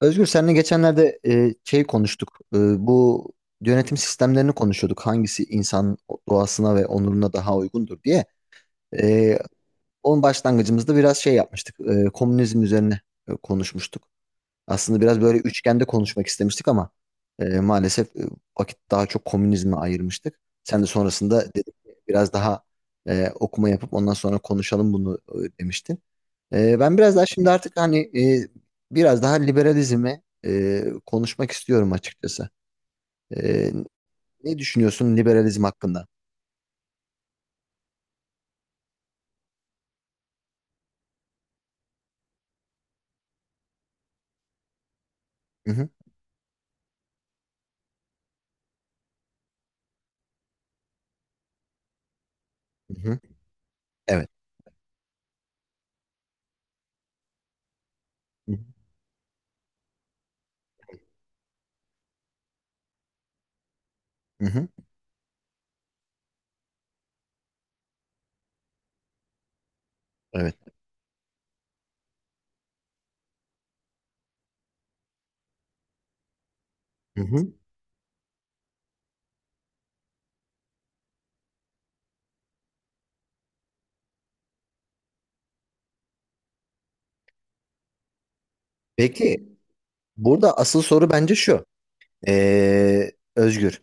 Özgür seninle geçenlerde konuştuk. Bu yönetim sistemlerini konuşuyorduk. Hangisi insan doğasına ve onuruna daha uygundur diye. E, Onun başlangıcımızda biraz şey yapmıştık. Komünizm üzerine konuşmuştuk. Aslında biraz böyle üçgende konuşmak istemiştik ama maalesef vakit daha çok komünizme ayırmıştık. Sen de sonrasında dedik ki biraz daha okuma yapıp ondan sonra konuşalım bunu demiştin. Ben biraz daha şimdi artık hani biraz daha liberalizmi konuşmak istiyorum açıkçası. Ee, Ne düşünüyorsun liberalizm hakkında? Hı hı, hı hı, evet. Hı hı, hı hı, evet. Hı hı. Peki, burada asıl soru bence şu. Ee, Özgür,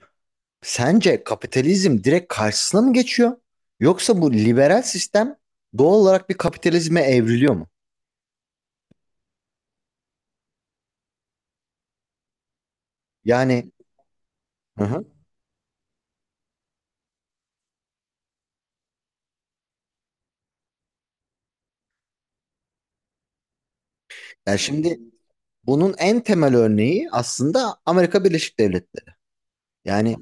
sence kapitalizm direkt karşısına mı geçiyor? Yoksa bu liberal sistem doğal olarak bir kapitalizme evriliyor mu? Yani, hı hı. Yani şimdi bunun en temel örneği aslında Amerika Birleşik Devletleri. Yani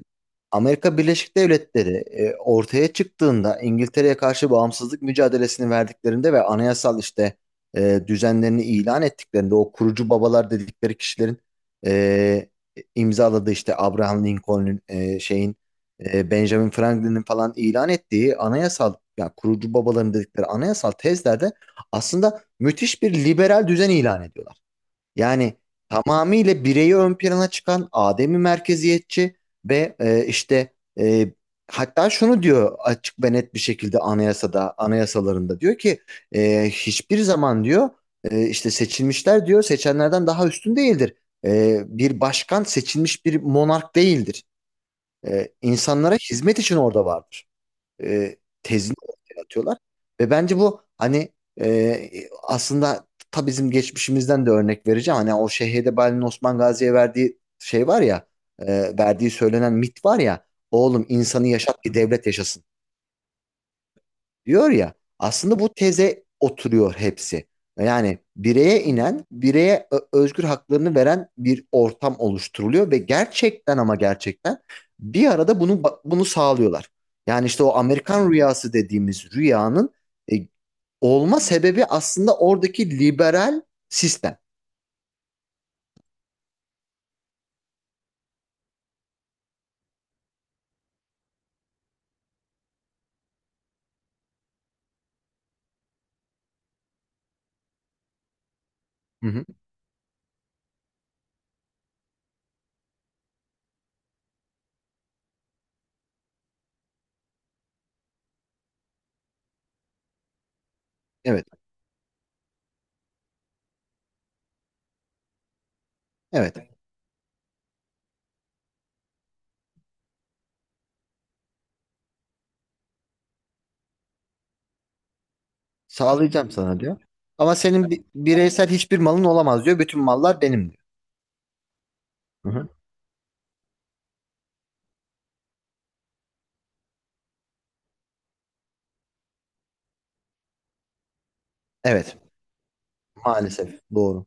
Amerika Birleşik Devletleri ortaya çıktığında İngiltere'ye karşı bağımsızlık mücadelesini verdiklerinde ve anayasal işte düzenlerini ilan ettiklerinde o kurucu babalar dedikleri kişilerin e, imzaladığı işte Abraham Lincoln'un şeyin Benjamin Franklin'in falan ilan ettiği anayasal yani kurucu babaların dedikleri anayasal tezlerde aslında müthiş bir liberal düzen ilan ediyorlar. Yani tamamıyla bireyi ön plana çıkan Adem'i merkeziyetçi ve e, hatta şunu diyor açık ve net bir şekilde anayasada, anayasalarında diyor ki hiçbir zaman diyor işte seçilmişler diyor seçenlerden daha üstün değildir. Bir başkan seçilmiş bir monark değildir. İnsanlara hizmet için orada vardır e, tezini ortaya atıyorlar. Ve bence bu hani aslında ta bizim geçmişimizden de örnek vereceğim. Hani o Şeyh'de Osman Gazi'ye verdiği şey var ya, verdiği söylenen mit var ya, oğlum insanı yaşat ki devlet yaşasın diyor ya, aslında bu teze oturuyor hepsi. Yani bireye inen, bireye özgür haklarını veren bir ortam oluşturuluyor ve gerçekten ama gerçekten bir arada bunu sağlıyorlar. Yani işte o Amerikan rüyası dediğimiz rüyanın e, olma sebebi aslında oradaki liberal sistem. Hı hı. Evet, evet. Sağlayacağım sana diyor. Ama senin bireysel hiçbir malın olamaz diyor. Bütün mallar benim diyor. Hı hı. Evet, maalesef doğru.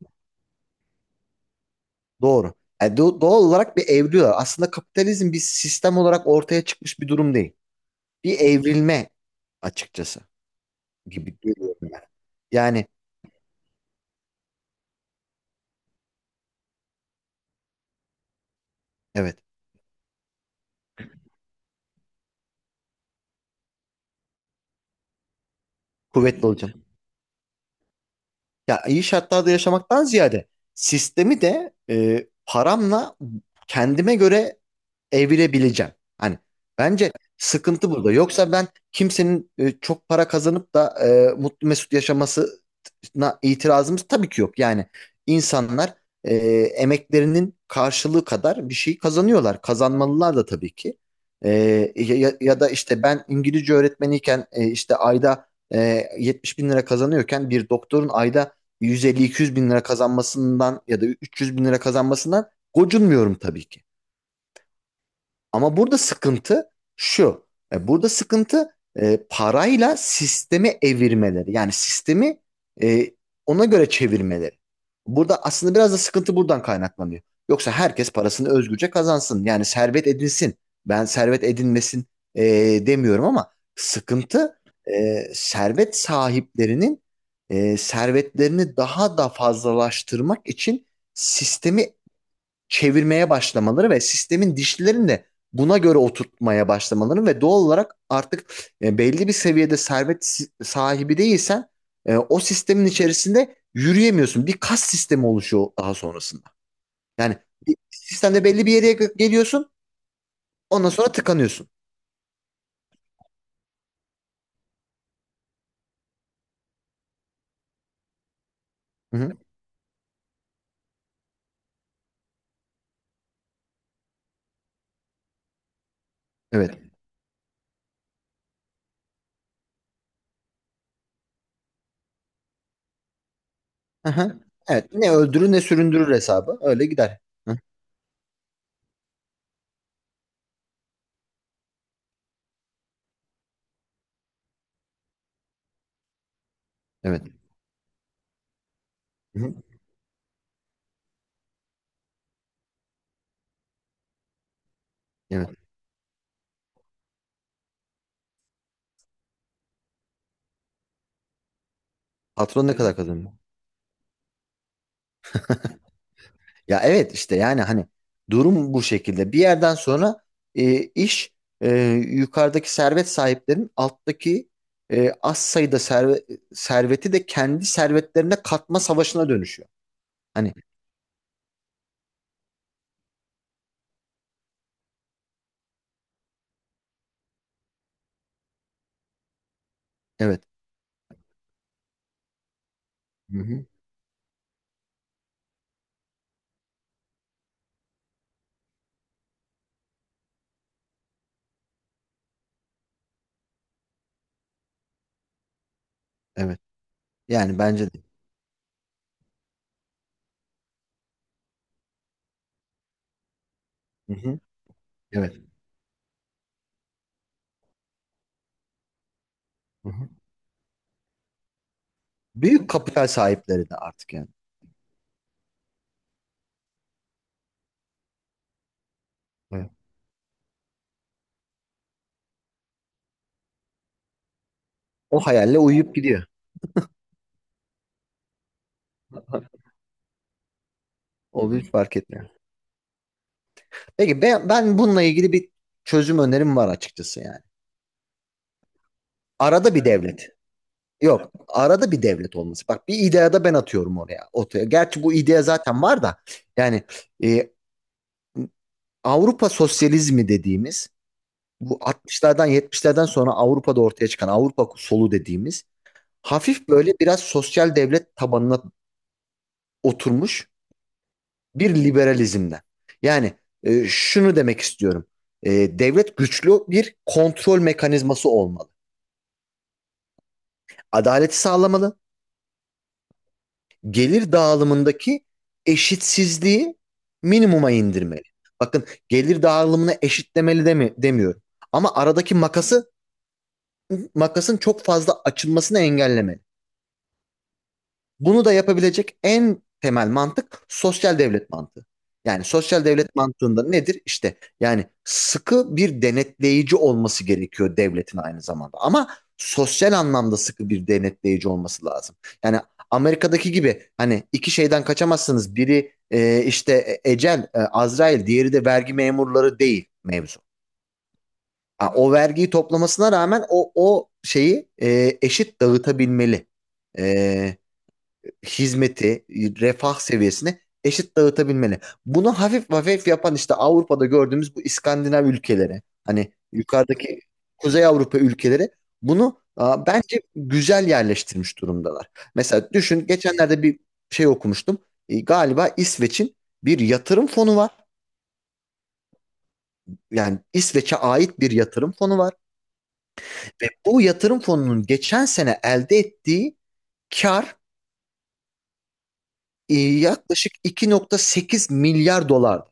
Doğru. Yani doğal olarak bir evriliyor. Aslında kapitalizm bir sistem olarak ortaya çıkmış bir durum değil. Bir evrilme açıkçası gibi görüyorum ben. Yani evet, kuvvetli olacağım. Ya iyi şartlarda yaşamaktan ziyade sistemi de paramla kendime göre evirebileceğim. Hani bence sıkıntı burada. Yoksa ben kimsenin çok para kazanıp da mutlu mesut yaşaması itirazımız tabii ki yok. Yani insanlar e, emeklerinin karşılığı kadar bir şey kazanıyorlar. Kazanmalılar da tabii ki. E, Ya, ya da işte ben İngilizce öğretmeniyken işte ayda 70 bin lira kazanıyorken bir doktorun ayda 150-200 bin lira kazanmasından ya da 300 bin lira kazanmasından gocunmuyorum tabii ki. Ama burada sıkıntı şu. Burada sıkıntı parayla sistemi evirmeleri. Yani sistemi e, ona göre çevirmeleri. Burada aslında biraz da sıkıntı buradan kaynaklanıyor. Yoksa herkes parasını özgürce kazansın. Yani servet edinsin. Ben servet edinmesin e, demiyorum ama sıkıntı servet sahiplerinin servetlerini daha da fazlalaştırmak için sistemi çevirmeye başlamaları ve sistemin dişlilerini de buna göre oturtmaya başlamaları ve doğal olarak artık belli bir seviyede servet sahibi değilsen o sistemin içerisinde yürüyemiyorsun. Bir kas sistemi oluşuyor daha sonrasında. Yani bir sistemde belli bir yere geliyorsun, ondan sonra tıkanıyorsun. Hı hı, evet. Hı hı. Evet. Ne öldürür ne süründürür hesabı. Öyle gider. Hı, evet. Hı hı, evet. Patron ne kadar kazanıyor? Ya evet işte yani hani durum bu şekilde. Bir yerden sonra e, iş e, yukarıdaki servet sahiplerinin alttaki e, az sayıda serve- serveti de kendi servetlerine katma savaşına dönüşüyor. Hani evet. Hı-hı. Evet. Yani bence de. Hı-hı. Evet. Hı-hı. Büyük kapital sahipleri de artık yani. Evet. O hayalle uyuyup gidiyor. O bir fark etmiyor. Peki ben, ben bununla ilgili bir çözüm önerim var açıkçası yani. Arada bir devlet. Yok. Arada bir devlet olması. Bak bir idea da ben atıyorum oraya. Ortaya. Gerçi bu idea zaten var da yani e, Avrupa sosyalizmi dediğimiz bu 60'lardan 70'lerden sonra Avrupa'da ortaya çıkan Avrupa solu dediğimiz hafif böyle biraz sosyal devlet tabanına oturmuş bir liberalizmden. Yani şunu demek istiyorum. Devlet güçlü bir kontrol mekanizması olmalı. Adaleti sağlamalı, gelir dağılımındaki eşitsizliği minimuma indirmeli. Bakın, gelir dağılımını eşitlemeli demi demiyorum. Ama aradaki makasın çok fazla açılmasını engellemeli. Bunu da yapabilecek en temel mantık sosyal devlet mantığı. Yani sosyal devlet mantığında nedir? İşte yani sıkı bir denetleyici olması gerekiyor devletin aynı zamanda. Ama sosyal anlamda sıkı bir denetleyici olması lazım. Yani Amerika'daki gibi hani iki şeyden kaçamazsınız. Biri ecel, Azrail, diğeri de vergi memurları değil mevzu. Ha, o vergiyi toplamasına rağmen o şeyi eşit dağıtabilmeli. E, Hizmeti, refah seviyesini eşit dağıtabilmeli. Bunu hafif hafif yapan işte Avrupa'da gördüğümüz bu İskandinav ülkeleri, hani yukarıdaki Kuzey Avrupa ülkeleri bunu a, bence güzel yerleştirmiş durumdalar. Mesela düşün, geçenlerde bir şey okumuştum. Galiba İsveç'in bir yatırım fonu var. Yani İsveç'e ait bir yatırım fonu var ve bu yatırım fonunun geçen sene elde ettiği kar yaklaşık 2.8 milyar dolar.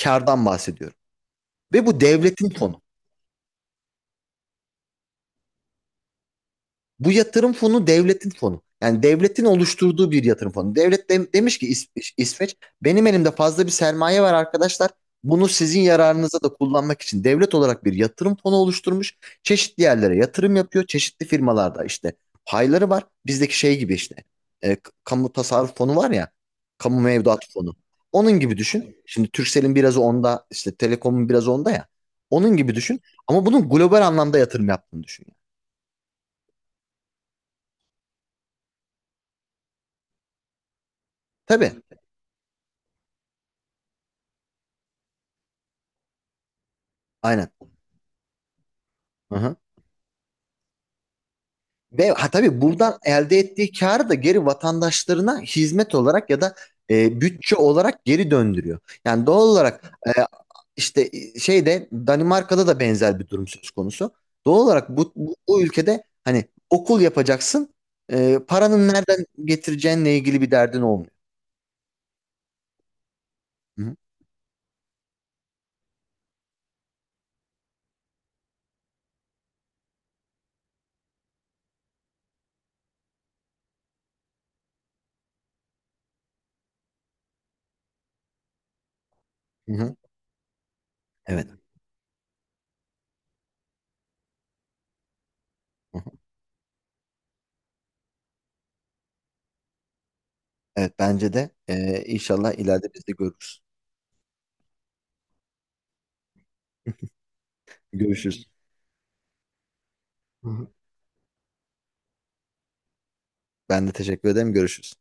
Kardan bahsediyorum. Ve bu devletin fonu. Bu yatırım fonu devletin fonu. Yani devletin oluşturduğu bir yatırım fonu. Devlet demiş ki, İsveç benim elimde fazla bir sermaye var arkadaşlar. Bunu sizin yararınıza da kullanmak için devlet olarak bir yatırım fonu oluşturmuş. Çeşitli yerlere yatırım yapıyor. Çeşitli firmalarda işte payları var. Bizdeki şey gibi işte kamu tasarruf fonu var ya. Kamu mevduat fonu. Onun gibi düşün. Şimdi Turkcell'in biraz onda, işte Telekom'un biraz onda ya. Onun gibi düşün. Ama bunun global anlamda yatırım yaptığını düşün. Yani." Tabii. Aynen. Aha. Ve ha, tabii buradan elde ettiği karı da geri vatandaşlarına hizmet olarak ya da bütçe olarak geri döndürüyor. Yani doğal olarak işte şeyde Danimarka'da da benzer bir durum söz konusu. Doğal olarak bu ülkede hani okul yapacaksın, paranın nereden getireceğinle ilgili bir derdin olmuyor. Hı hı. Hı hı. Evet. Hı hı. Evet, bence de inşallah ileride biz de görürüz. Görüşürüz. Hı hı. Ben de teşekkür ederim. Görüşürüz.